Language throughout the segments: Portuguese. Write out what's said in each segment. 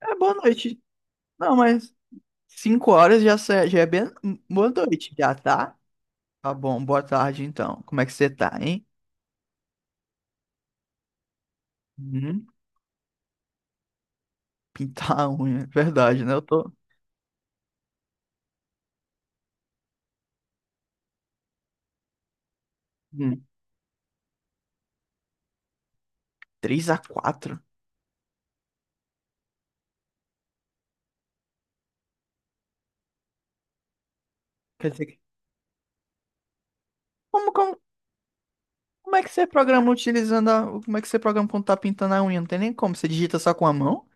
É boa noite. Não, mas cinco horas já, já é bem boa noite, já tá? Tá bom, boa tarde então. Como é que você tá, hein? Hum, pintar a unha, é verdade, né? Eu tô hum, 3 a 4. Quer dizer, que- como, como, como é que você programa utilizando a, como é que você programa quando tá pintando a unha? Não tem nem como, você digita só com a mão?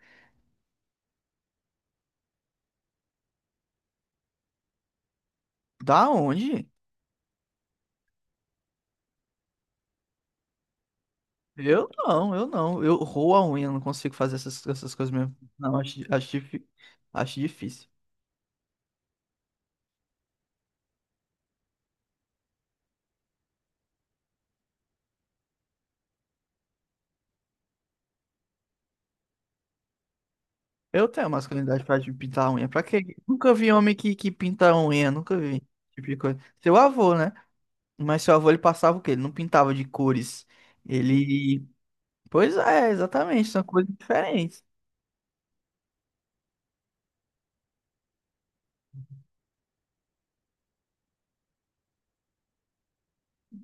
Da onde? Eu não. Eu roo a unha, não consigo fazer essas coisas mesmo. Não, acho difícil. Eu tenho masculinidade pra de pintar a unha. Pra quê? Nunca vi homem que pinta a unha, nunca vi esse tipo de coisa. Seu avô, né? Mas seu avô ele passava o quê? Ele não pintava de cores. Ele. Pois é, exatamente, são coisas diferentes.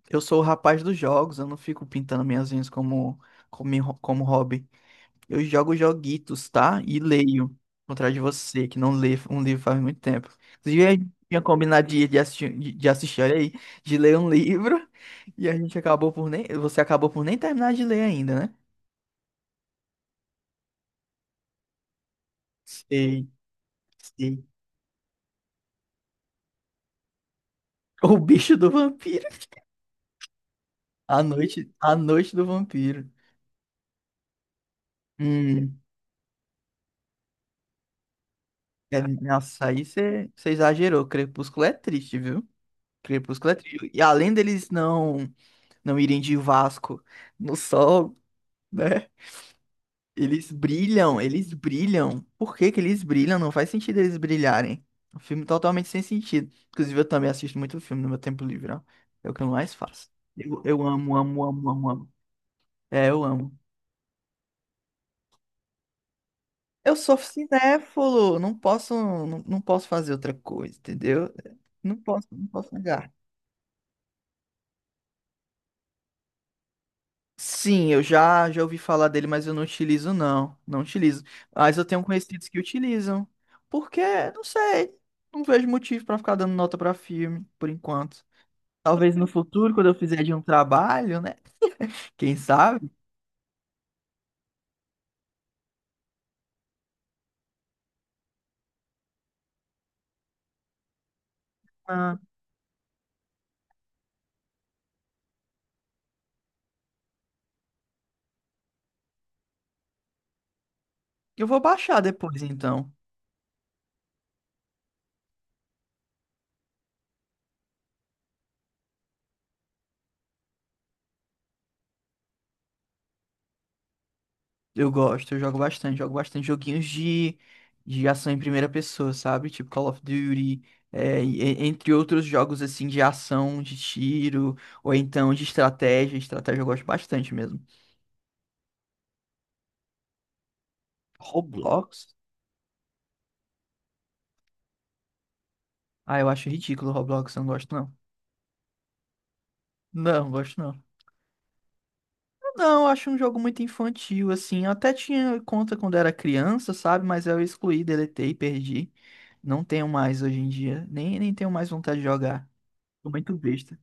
Eu sou o rapaz dos jogos, eu não fico pintando minhas unhas como hobby. Eu jogo joguitos, tá? E leio. Ao contrário de você, que não lê um livro faz muito tempo. Inclusive, a gente tinha combinado de assistir, de assistir, olha aí, de ler um livro. E a gente acabou por nem. Você acabou por nem terminar de ler ainda, né? Sei, sei. O bicho do vampiro. A noite do vampiro. Hum, nossa, aí você exagerou. Crepúsculo é triste, viu? Crepúsculo é triste. E além deles não, não irem de Vasco no sol, né? Eles brilham. Por que que eles brilham? Não faz sentido eles brilharem. Um filme totalmente sem sentido. Inclusive, eu também assisto muito filme no meu tempo livre, ó. É o que eu mais faço. Eu amo, amo, amo, amo, amo. É, eu amo. Eu sou cinéfilo, não posso fazer outra coisa, entendeu? Não posso, não posso negar. Sim, eu já já ouvi falar dele, mas eu não utilizo não, não utilizo. Mas eu tenho conhecidos que utilizam. Porque, não sei, não vejo motivo pra ficar dando nota pra filme por enquanto. Talvez no futuro, quando eu fizer de um trabalho, né? Quem sabe? Ah, eu vou baixar depois então. Eu jogo bastante joguinhos de ação em primeira pessoa, sabe? Tipo Call of Duty, é, entre outros jogos assim de ação, de tiro, ou então de estratégia. Estratégia eu gosto bastante mesmo. Roblox? Ah, eu acho ridículo o Roblox, eu não gosto não. Não, gosto não. Não, eu acho um jogo muito infantil, assim. Eu até tinha conta quando era criança, sabe? Mas eu excluí, deletei, perdi. Não tenho mais hoje em dia. Nem tenho mais vontade de jogar. Tô muito besta.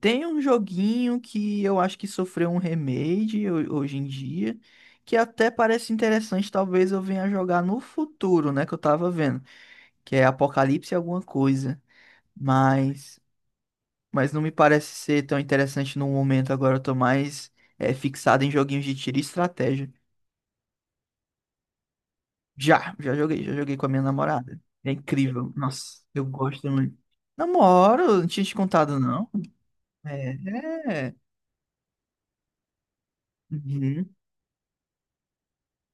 Tem um joguinho que eu acho que sofreu um remake hoje em dia, que até parece interessante, talvez eu venha jogar no futuro, né, que eu tava vendo, que é Apocalipse alguma coisa, mas mas não me parece ser tão interessante no momento agora, eu tô mais é, fixado em joguinhos de tiro e estratégia. Já joguei com a minha namorada. É incrível. Nossa, eu gosto muito. Namoro, não tinha te contado não. É, é. Uhum.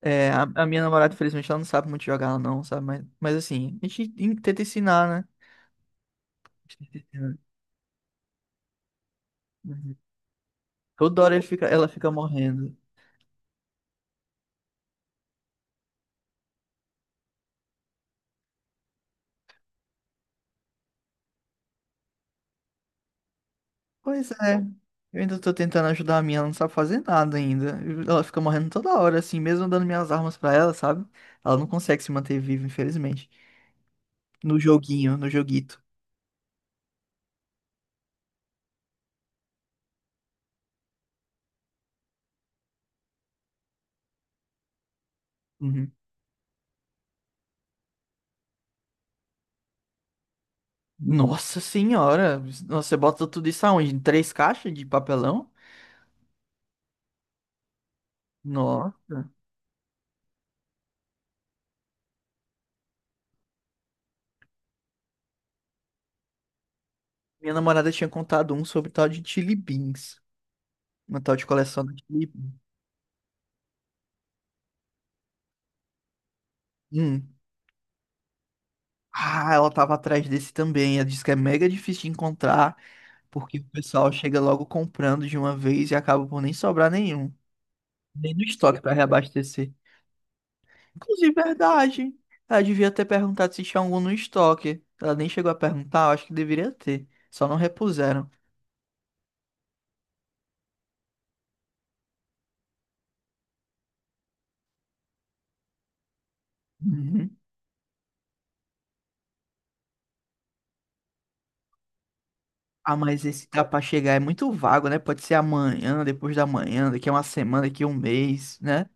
É, a minha namorada, infelizmente, ela não sabe muito jogar, ela não, sabe? Mas assim, tenta ensinar, né? A gente tenta ensinar. Uhum. Toda hora ele fica, ela fica morrendo. Pois é, eu ainda tô tentando ajudar a minha, ela não sabe fazer nada ainda. Ela fica morrendo toda hora, assim, mesmo dando minhas armas pra ela, sabe? Ela não consegue se manter viva, infelizmente. No joguinho, no joguito. Uhum. Nossa senhora! Nossa, você bota tudo isso aonde? Em três caixas de papelão? Nossa! Minha namorada tinha contado um sobre tal de Chili Beans. Uma tal de coleção daquele. Hum. Ah, ela tava atrás desse também. Ela disse que é mega difícil de encontrar, porque o pessoal chega logo comprando de uma vez e acaba por nem sobrar nenhum. Nem no estoque para reabastecer. Inclusive, verdade. Ela devia ter perguntado se tinha algum no estoque. Ela nem chegou a perguntar, eu acho que deveria ter. Só não repuseram. Uhum. Ah, mas esse tá pra chegar é muito vago, né? Pode ser amanhã, depois da manhã, daqui a uma semana, daqui a um mês, né?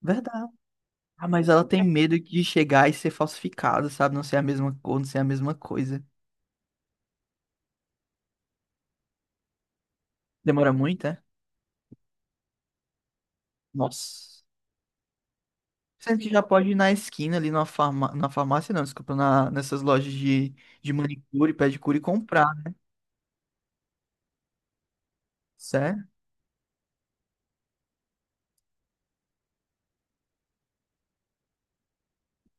Verdade. Mas ela tem medo de chegar e ser falsificada, sabe? Não ser a mesma cor, não ser a mesma coisa. Demora muito, é? Nossa. Sendo que já pode ir na esquina ali na na farmácia, não, desculpa, na... nessas lojas de manicure, pedicure e comprar, né? Sério?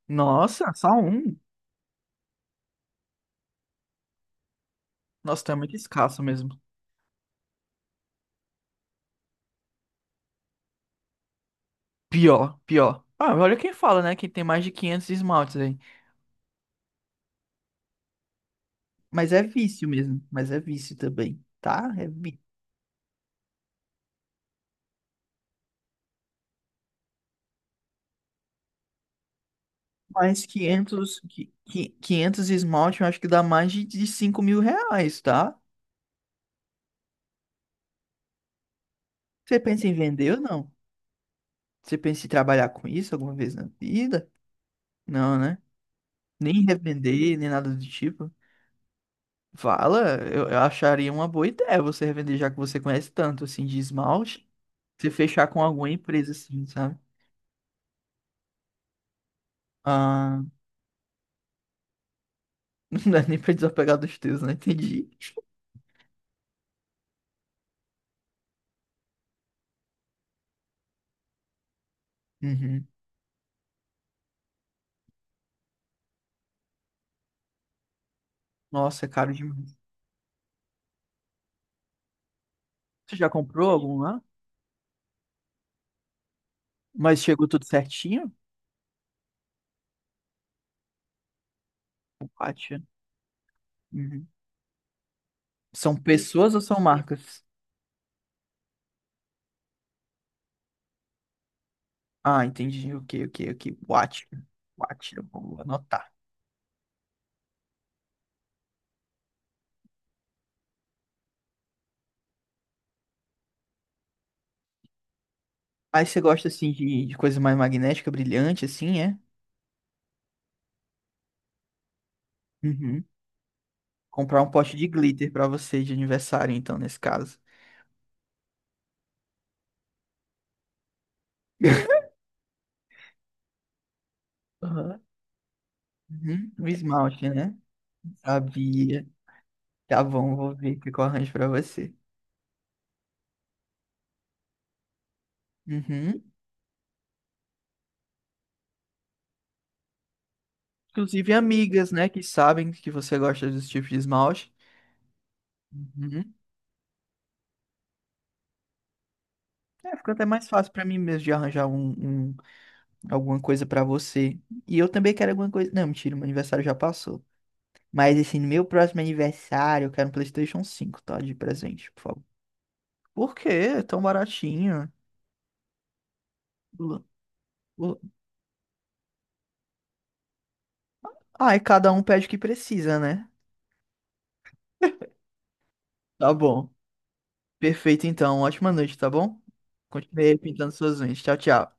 Nossa, só um. Nossa, tá muito escasso mesmo. Pior, pior. Ah, olha quem fala, né? Quem tem mais de 500 esmaltes aí. Mas é vício mesmo. Mas é vício também, tá? É vício. Mas 500 esmalte, eu acho que dá mais de 5 mil reais, tá? Você pensa em vender ou não? Você pensa em trabalhar com isso alguma vez na vida? Não, né? Nem revender, nem nada do tipo. Fala, eu acharia uma boa ideia você revender, já que você conhece tanto, assim, de esmalte. Você fechar com alguma empresa, assim, sabe? Ah, não dá nem pra desapegar dos teus, né? Entendi. Uhum. Nossa, é caro demais. Você já comprou algum lá? Mas chegou tudo certinho? O pátio. São pessoas ou são marcas? Ah, entendi. Ok, ok, ok. Watch. Watch, eu vou anotar. Aí você gosta, assim, de coisa mais magnética, brilhante, assim, é? Uhum. Comprar um pote de glitter pra você de aniversário, então, nesse caso. Aham. Uhum. O esmalte, né? Sabia. Tá bom, vou ver o que eu arranjo pra você. Uhum. Inclusive amigas, né, que sabem que você gosta desse tipo de esmalte. Uhum. É, fica até mais fácil pra mim mesmo de arranjar um alguma coisa pra você. E eu também quero alguma coisa. Não, mentira, meu aniversário já passou. Mas assim, no meu próximo aniversário, eu quero um PlayStation 5, tá? De presente, por favor. Por quê? É tão baratinho. Lu- lu- Ah, e cada um pede o que precisa, né? Tá bom. Perfeito, então. Ótima noite, tá bom? Continue aí pintando suas unhas. Tchau, tchau.